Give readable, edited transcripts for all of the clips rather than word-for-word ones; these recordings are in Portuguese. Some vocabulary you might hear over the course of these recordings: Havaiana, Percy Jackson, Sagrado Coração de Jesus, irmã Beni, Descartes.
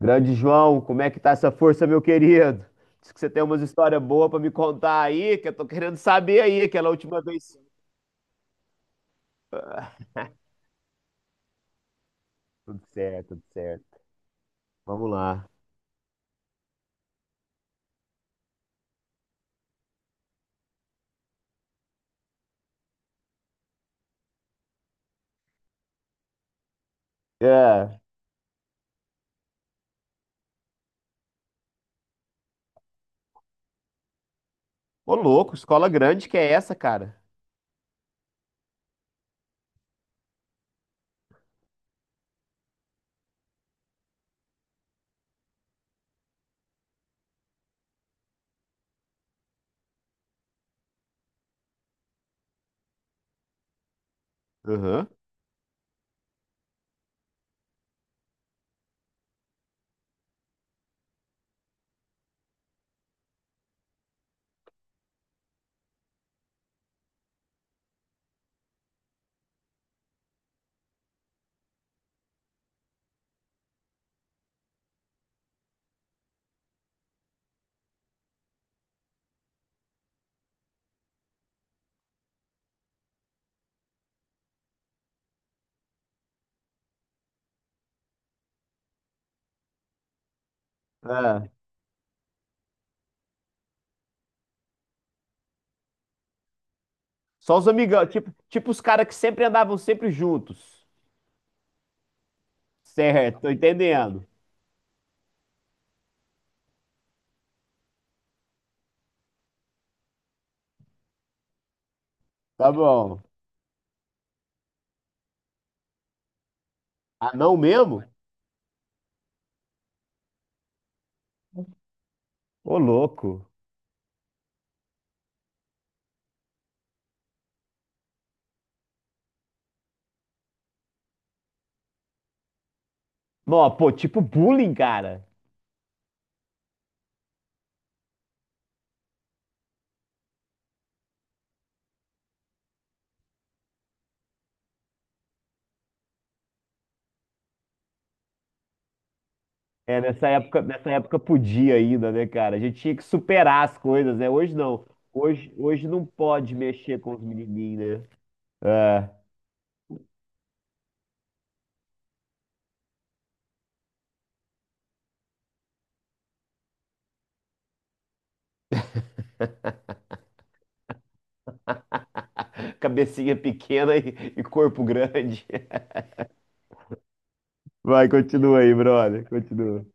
Grande João, como é que tá essa força, meu querido? Diz que você tem umas histórias boas pra me contar aí, que eu tô querendo saber aí, aquela última vez. Ah, tudo certo, tudo certo. Vamos lá. É. Ô, louco, escola grande que é essa, cara? Aham. É. Só os amigão, tipo, tipo os caras que sempre andavam sempre juntos. Certo, tô entendendo. Tá bom. Ah, não mesmo? Ô, louco. Não, pô, tipo bullying, cara. É, nessa época podia ainda, né, cara? A gente tinha que superar as coisas, né? Hoje não. Hoje, hoje não pode mexer com os menininhos, né? É, cabecinha pequena e corpo grande. Vai, continua aí, brother. Continua.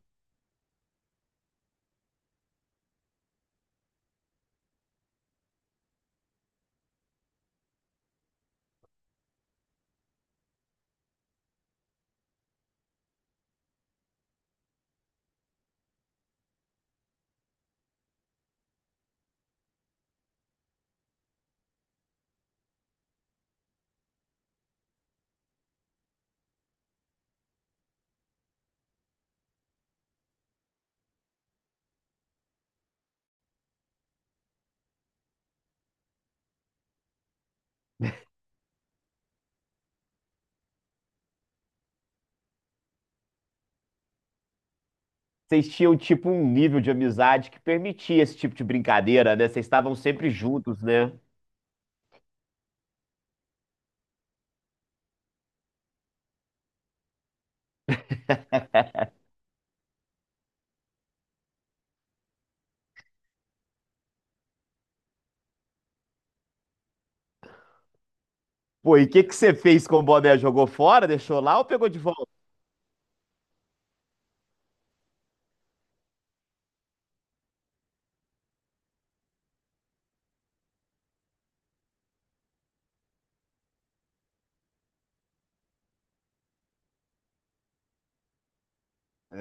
Vocês tinham, tipo, um nível de amizade que permitia esse tipo de brincadeira, né? Vocês estavam sempre juntos, né? Pô, e o que que você fez com o boné? Jogou fora, deixou lá ou pegou de volta?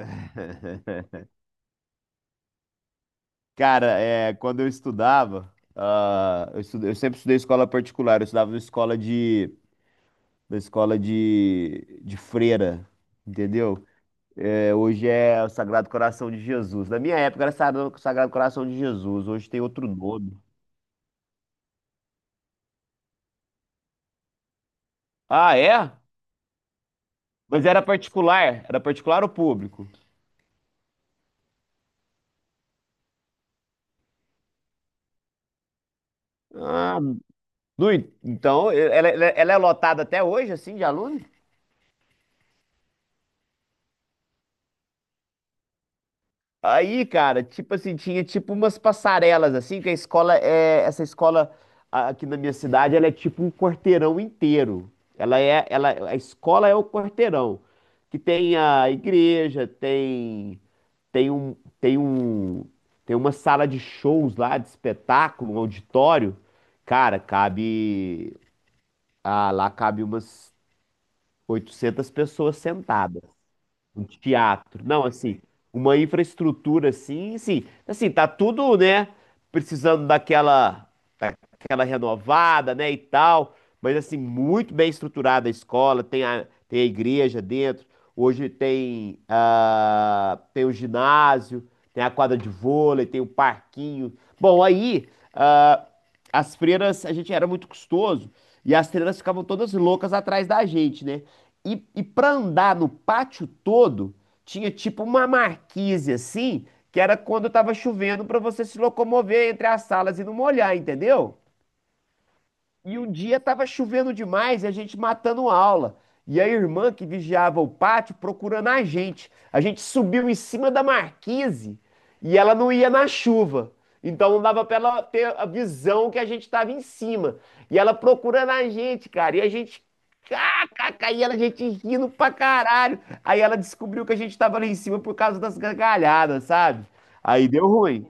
Cara, é, quando eu estudava, eu sempre estudei escola particular, eu estudava na escola de freira, entendeu? É, hoje é o Sagrado Coração de Jesus. Na minha época era Sagrado Coração de Jesus, hoje tem outro nome. Ah, é? Mas era particular? Era particular ou público? Ah, no en- então, ela é lotada até hoje, assim, de aluno? Aí, cara, tipo assim, tinha tipo umas passarelas, assim, que a escola é. Essa escola aqui na minha cidade, ela é tipo um quarteirão inteiro. Ela é. Ela, a escola é o quarteirão. Que tem a igreja, tem. Tem um. Tem um. Tem uma sala de shows lá, de espetáculo, um auditório. Cara, cabe. Ah, lá cabe umas 800 pessoas sentadas um teatro. Não, assim, uma infraestrutura assim, tá tudo, né, precisando daquela aquela renovada, né, e tal. Mas assim, muito bem estruturada a escola, tem tem a igreja dentro. Hoje tem, ah, tem o ginásio, tem a quadra de vôlei, tem o parquinho. Bom, aí ah, as freiras, a gente era muito custoso e as freiras ficavam todas loucas atrás da gente, né? E para andar no pátio todo, tinha tipo uma marquise assim, que era quando tava chovendo para você se locomover entre as salas e não molhar, entendeu? E um dia estava chovendo demais e a gente matando aula. E a irmã que vigiava o pátio procurando a gente. A gente subiu em cima da marquise e ela não ia na chuva. Então não dava para ela ter a visão que a gente estava em cima. E ela procurando a gente, cara. E a gente. Cacaca, e ela, a gente rindo pra caralho. Aí ela descobriu que a gente tava lá em cima por causa das gargalhadas, sabe? Aí deu ruim.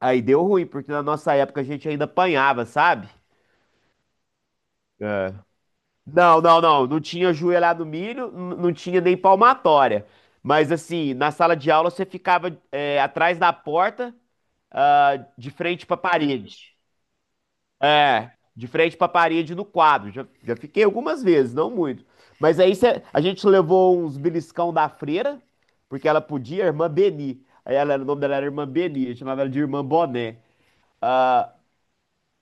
Aí deu ruim, porque na nossa época a gente ainda apanhava, sabe? É. Não. Não tinha joelhado milho, não tinha nem palmatória. Mas assim, na sala de aula você ficava é, atrás da porta, ah, de frente para parede. É, de frente para parede no quadro. Já fiquei algumas vezes, não muito. Mas a gente levou uns beliscão da freira, porque ela podia, a irmã Beni. Aí ela, o nome dela era irmã Beni, eu chamava ela de irmã Boné. Ah,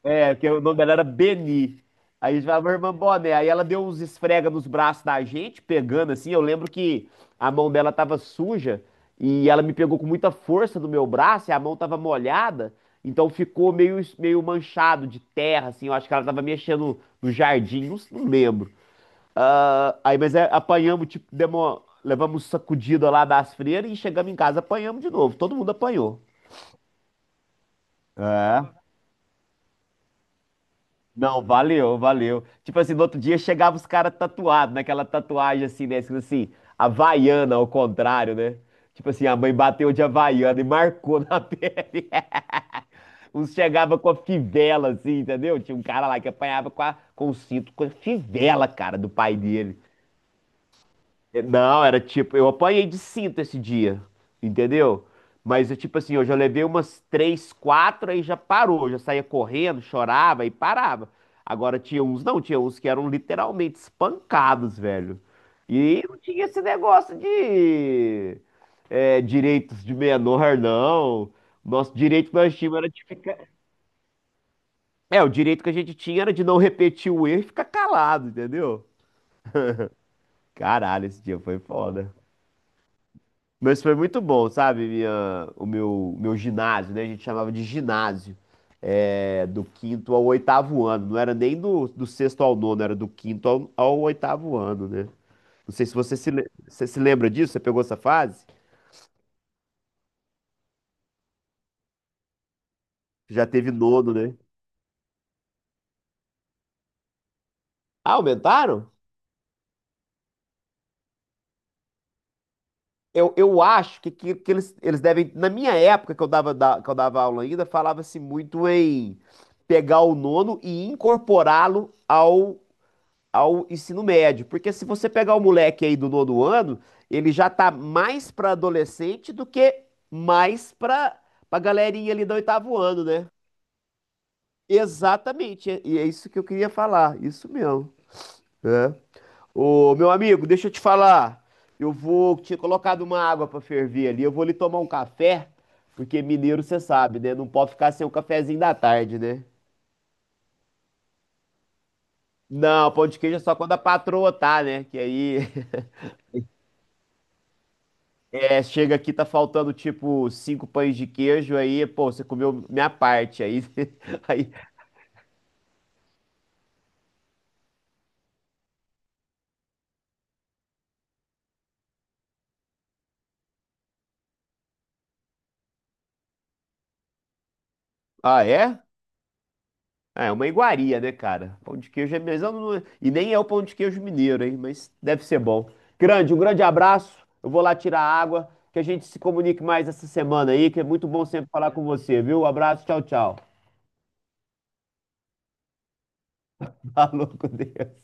é, porque o nome dela era Beni. Aí a gente falava, irmã Boné. Aí ela deu uns esfrega nos braços da gente, pegando assim. Eu lembro que a mão dela tava suja e ela me pegou com muita força no meu braço e a mão tava molhada. Então ficou meio manchado de terra, assim. Eu acho que ela tava mexendo no jardim, não lembro. Ah, aí, mas é, apanhamos, tipo, demos, levamos sacudida lá das freiras e chegamos em casa, apanhamos de novo. Todo mundo apanhou. É. Não, valeu, valeu. Tipo assim, no outro dia chegava os caras tatuados, naquela tatuagem assim, né? Escrito assim, Havaiana, ao contrário, né? Tipo assim, a mãe bateu de Havaiana e marcou na pele. Uns chegava com a fivela, assim, entendeu? Tinha um cara lá que apanhava com o cinto, com a fivela, cara, do pai dele. Não, era tipo, eu apanhei de cinto esse dia, entendeu? Mas eu, tipo assim, eu já levei umas três, quatro, aí já parou, já saía correndo, chorava e parava. Agora tinha uns, não, tinha uns que eram literalmente espancados, velho. E não tinha esse negócio de é, direitos de menor, não. Nosso direito que nós tínhamos era de ficar. É, o direito que a gente tinha era de não repetir o erro e ficar calado, entendeu? Caralho, esse dia foi foda. Mas foi muito bom, sabe? Minha, meu ginásio, né? A gente chamava de ginásio. É, do quinto ao oitavo ano. Não era nem do sexto ao nono, era do quinto ao oitavo ano, né? Não sei se você se lembra disso, você pegou essa fase? Já teve nono, né? Ah, aumentaram? Eu acho que eles devem. Na minha época, que eu dava aula ainda, falava-se muito em pegar o nono e incorporá-lo ao ensino médio. Porque se você pegar o moleque aí do nono ano, ele já tá mais para adolescente do que mais para pra galerinha ali do oitavo ano, né? Exatamente. E é isso que eu queria falar. Isso mesmo. É. Ô, meu amigo, deixa eu te falar. Eu vou tinha colocado uma água para ferver ali. Eu vou ali tomar um café, porque mineiro você sabe, né? Não pode ficar sem o cafezinho da tarde, né? Não, pão de queijo é só quando a patroa tá, né? Que aí É, chega aqui, tá faltando tipo cinco pães de queijo, aí, pô, você comeu minha parte, aí, aí, ah, é? Ah, é uma iguaria, né, cara? Pão de queijo é mesmo, não- e nem é o pão de queijo mineiro, hein, mas deve ser bom. Grande, um grande abraço, eu vou lá tirar a água, que a gente se comunique mais essa semana aí, que é muito bom sempre falar com você, viu? Um abraço, tchau, tchau. Falou com Deus.